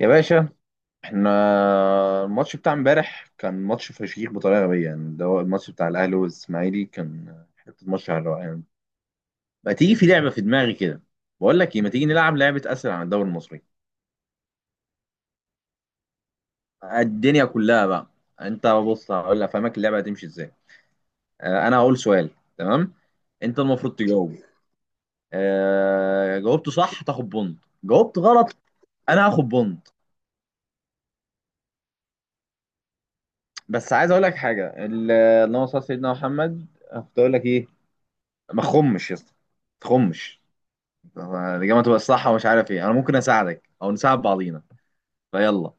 يا باشا احنا الماتش بتاع امبارح كان ماتش فشيخ بطريقه غبيه، يعني ده هو الماتش بتاع الاهلي والاسماعيلي، كان حته ماتش على الروقان. ما تيجي في لعبه في دماغي كده، بقول لك ايه ما تيجي نلعب لعبه اسئله عن الدوري المصري؟ الدنيا كلها بقى. انت بص هقول افهمك اللعبه هتمشي ازاي. اه، انا هقول سؤال، تمام، انت المفروض تجاوب. اه، جاوبت صح تاخد بونت، جاوبت غلط انا هاخد بونت. بس عايز اقول لك حاجه. اللهم صل على سيدنا محمد. كنت اقول لك ايه؟ ما تخمش يا اسطى ما تخمش. الإجابة تبقى الصح ومش عارف إيه، أنا ممكن أساعدك أو نساعد بعضينا. فيلا.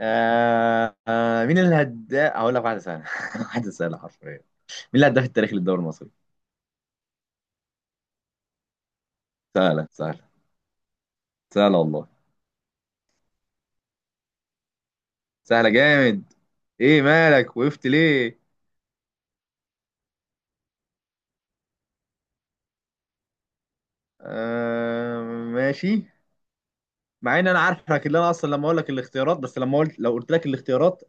مين الهداف؟ هقول لك واحدة سهلة. واحدة سهلة حرفيا. مين الهداف التاريخي للدوري المصري؟ سهلة، سهلة، سهلة والله، سهلة جامد. إيه مالك وقفت ليه؟ آه، ماشي. مع إن أنا عارفك اللي أنا أصلا لما أقول لك الاختيارات، بس لما قلت لو قلت لك الاختيارات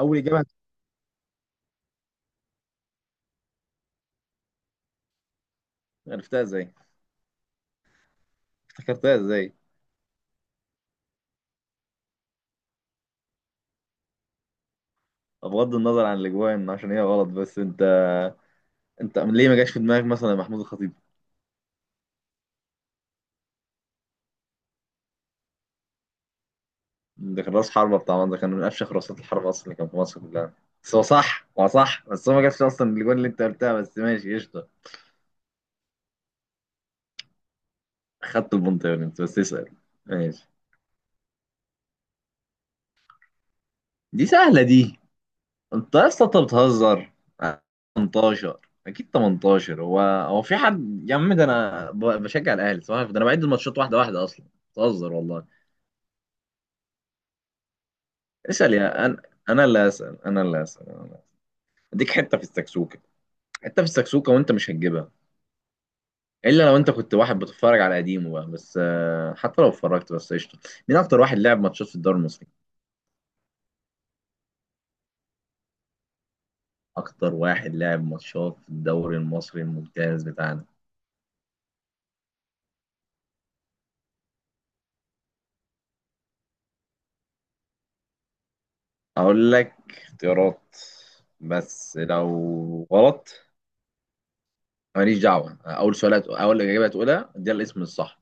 أول إجابة عرفتها إزاي؟ افتكرتها إزاي؟ بغض النظر عن الأجوان عشان هي غلط، بس أنت انت ليه ما جاش في دماغك مثلا محمود الخطيب؟ ده كان راس حربة، بتاع ده كان من افشخ راسات الحربة اصلا اللي كان في مصر كلها، بس هو صح هو صح، بس هو ما جابش اصلا الجول اللي انت قلتها. بس ماشي قشطة، خدت البنطة يعني. انت بس اسأل. ماشي. دي سهلة دي، انت يا اسطى انت بتهزر. 18. اكيد 18، هو في حد يا عم؟ ده انا بشجع الاهلي، صح؟ ده انا بعد الماتشات واحدة واحدة اصلا. بتهزر والله. اسأل يا انا. انا اللي اسأل، انا اللي اسأل، أنا اللي أسأل. اديك حتة في السكسوكة، حتة في السكسوكة وانت مش هتجيبها الا لو انت كنت واحد بتتفرج على قديمه بقى، بس آه، حتى لو اتفرجت، بس قشطه. مين اكتر واحد لعب ماتشات في الدوري المصري؟ اكتر واحد لعب ماتشات في الدوري المصري الممتاز بتاعنا. اقول لك اختيارات؟ بس لو غلط ماليش دعوه، اول سؤال اول اجابه هتقولها دي الاسم الصح.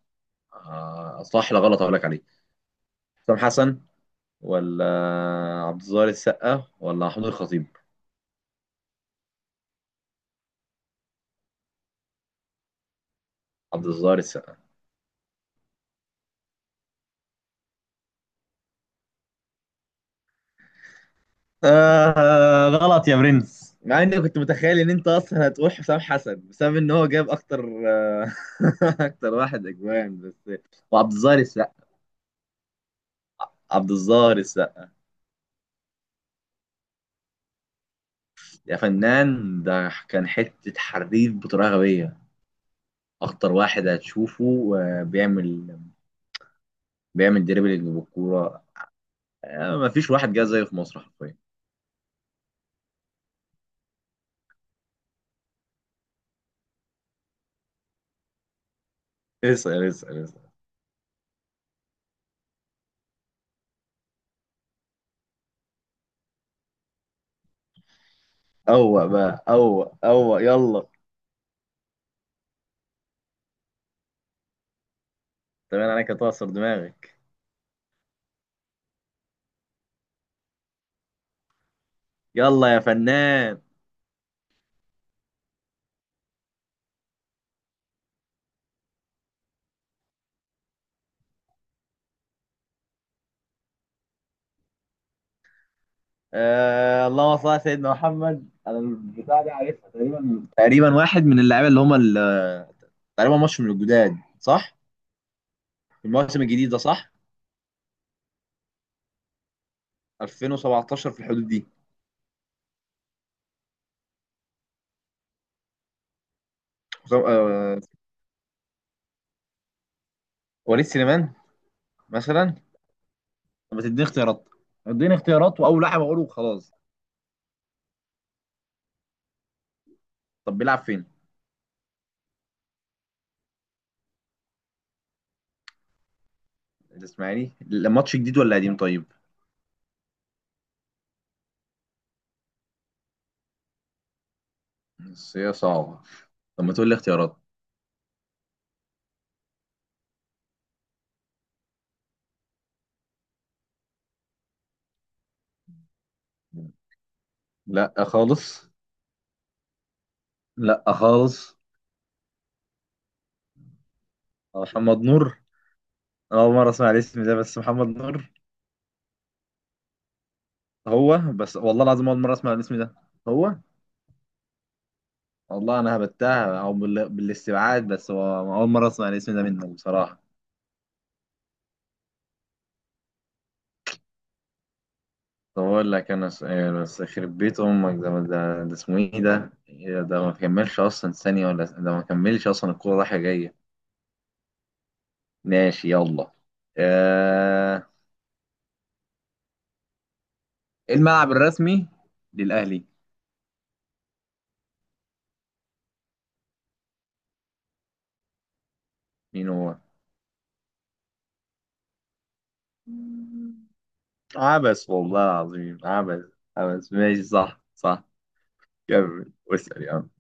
آه، صح لا غلط اقول لك عليه. حسام حسن، ولا عبد الظاهر السقا، ولا محمود الخطيب؟ عبد الظاهر السقا. آه غلط يا برنس. مع اني كنت متخيل ان انت اصلا هتروح حسام حسن بسبب ان هو جاب اكتر. آه، اكتر واحد اجوان بس، وعبد الظاهر السقا. عبد الظاهر السقا يا فنان، ده كان حته حريف بطريقه غبيه. اكتر واحد هتشوفه آه، بيعمل بيعمل دريبلينج بالكوره. آه، مفيش واحد جه زيه في مصر حرفيا. اسال اسال اسال. اوه بقى، اوه اوه، يلا. تمام، أنا كنت هكسر دماغك. يلا يا فنان. اللهم صل على سيدنا محمد. انا البتاع دي عارفها تقريبا، تقريبا واحد من اللعيبه اللي هم تقريبا ماتش من الجداد صح؟ في الموسم الجديد ده صح؟ 2017 في الحدود دي. آه، وليد سليمان مثلا. طب ما تديني اختيارات؟ اديني اختيارات واول لاعب اقوله خلاص. طب بيلعب فين؟ الاسماعيلي الماتش جديد ولا قديم طيب؟ بس هي صعبه. طب ما تقول لي اختيارات. لا خالص. لا خالص. محمد نور؟ أنا أول مرة أسمع الاسم ده، بس محمد نور. هو بس والله العظيم اول مره اسمع الاسم ده. هو، والله انا هبتها او بالاستبعاد، بس هو اول مره اسمع الاسم ده منك بصراحه. طب اقول لك انا سؤال، بس يخرب بيت امك ده اسمه ايه؟ ده إيه ده؟ ما كملش اصلا ثانيه، ولا ده ما كملش اصلا الكوره رايحه جايه. ماشي، يلا. آه، الملعب الرسمي للاهلي، مين هو؟ عبس، والله العظيم عبس، عبس. ماشي، صح صح. كمل واسال يا عم.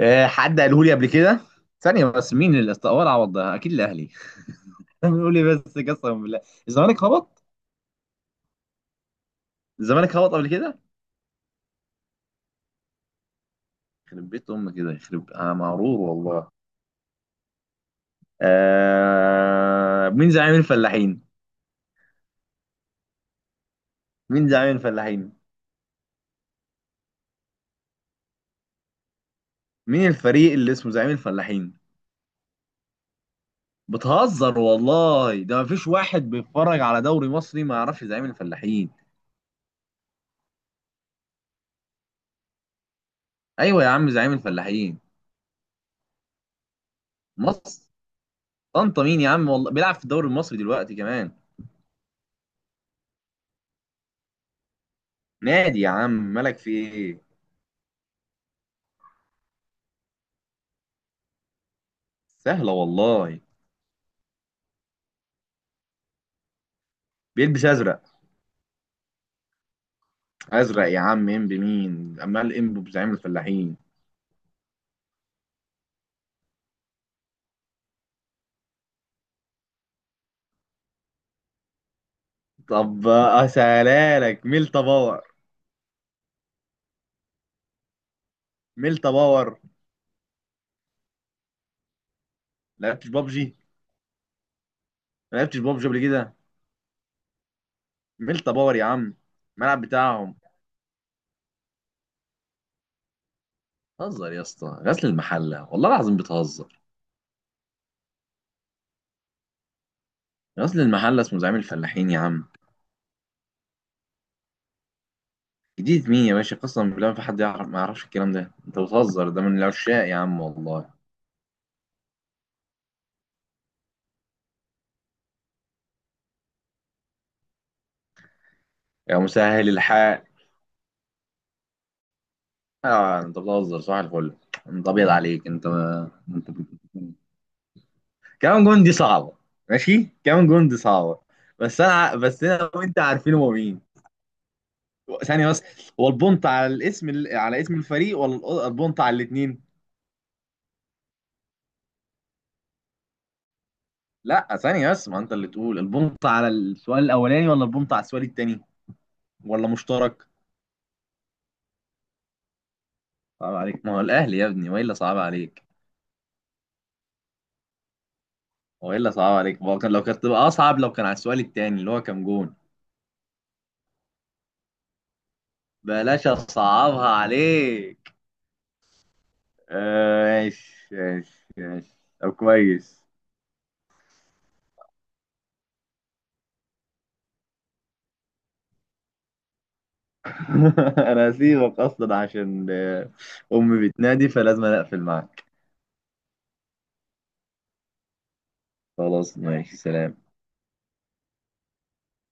آه، حد قاله لي قبل كده. ثانية بس، مين اللي استقبل عوض ده؟ أكيد الأهلي. بنقول لي، بس قسما بالله الزمالك هبط؟ الزمالك هبط قبل كده؟ يخرب بيت أمك، كده يخرب، أنا مغرور والله. مين زعيم الفلاحين؟ مين زعيم الفلاحين؟ مين الفريق اللي اسمه زعيم الفلاحين؟ بتهزر والله، ده مفيش واحد بيتفرج على دوري مصري ما يعرفش زعيم الفلاحين. أيوه يا عم، زعيم الفلاحين. مصر. طنطا مين يا عم؟ والله بيلعب في الدوري المصري دلوقتي كمان. نادي يا عم، مالك في إيه؟ سهلة والله. بيلبس أزرق. أزرق يا عم، إم بمين؟ عمال إم بزعيم الفلاحين. طب أسهلها لك، ميلتا باور. ميلتا باور. لعبتش بابجي؟ ما لعبتش بابجي قبل كده؟ ميلتا باور يا عم، الملعب بتاعهم. بتهزر يا اسطى، غزل المحلة والله العظيم، بتهزر. غزل المحلة اسمه زعيم الفلاحين يا عم. جديد مين يا باشا؟ قسما بالله ما في حد يعرف ما يعرفش الكلام ده، انت بتهزر، ده من العشاق يا عم والله. يا مسهل الحال. انت بتهزر، صباح الفل، انت ابيض عليك انت. انت كمان جون دي صعبه، ماشي كمان جون دي صعبه، بس انا بس انا وانت عارفين هو مين. ثانيه بس، هو البونت على الاسم على اسم الفريق، ولا البونت على الاثنين؟ لا ثانيه بس، ما انت اللي تقول البونت على السؤال الاولاني ولا البونت على السؤال الثاني ولا مشترك. صعب عليك؟ ما هو الاهلي يا ابني، والا صعب عليك؟ والا صعب عليك؟ ما هو كان، لو كانت تبقى اصعب لو كان على السؤال الثاني اللي هو كام جون. بلاش اصعبها عليك. آه، ماشي ماشي ماشي. طب كويس. انا هسيبك اصلا عشان آه، امي بتنادي، فلازم أنا اقفل معاك. خلاص ماشي، سلام.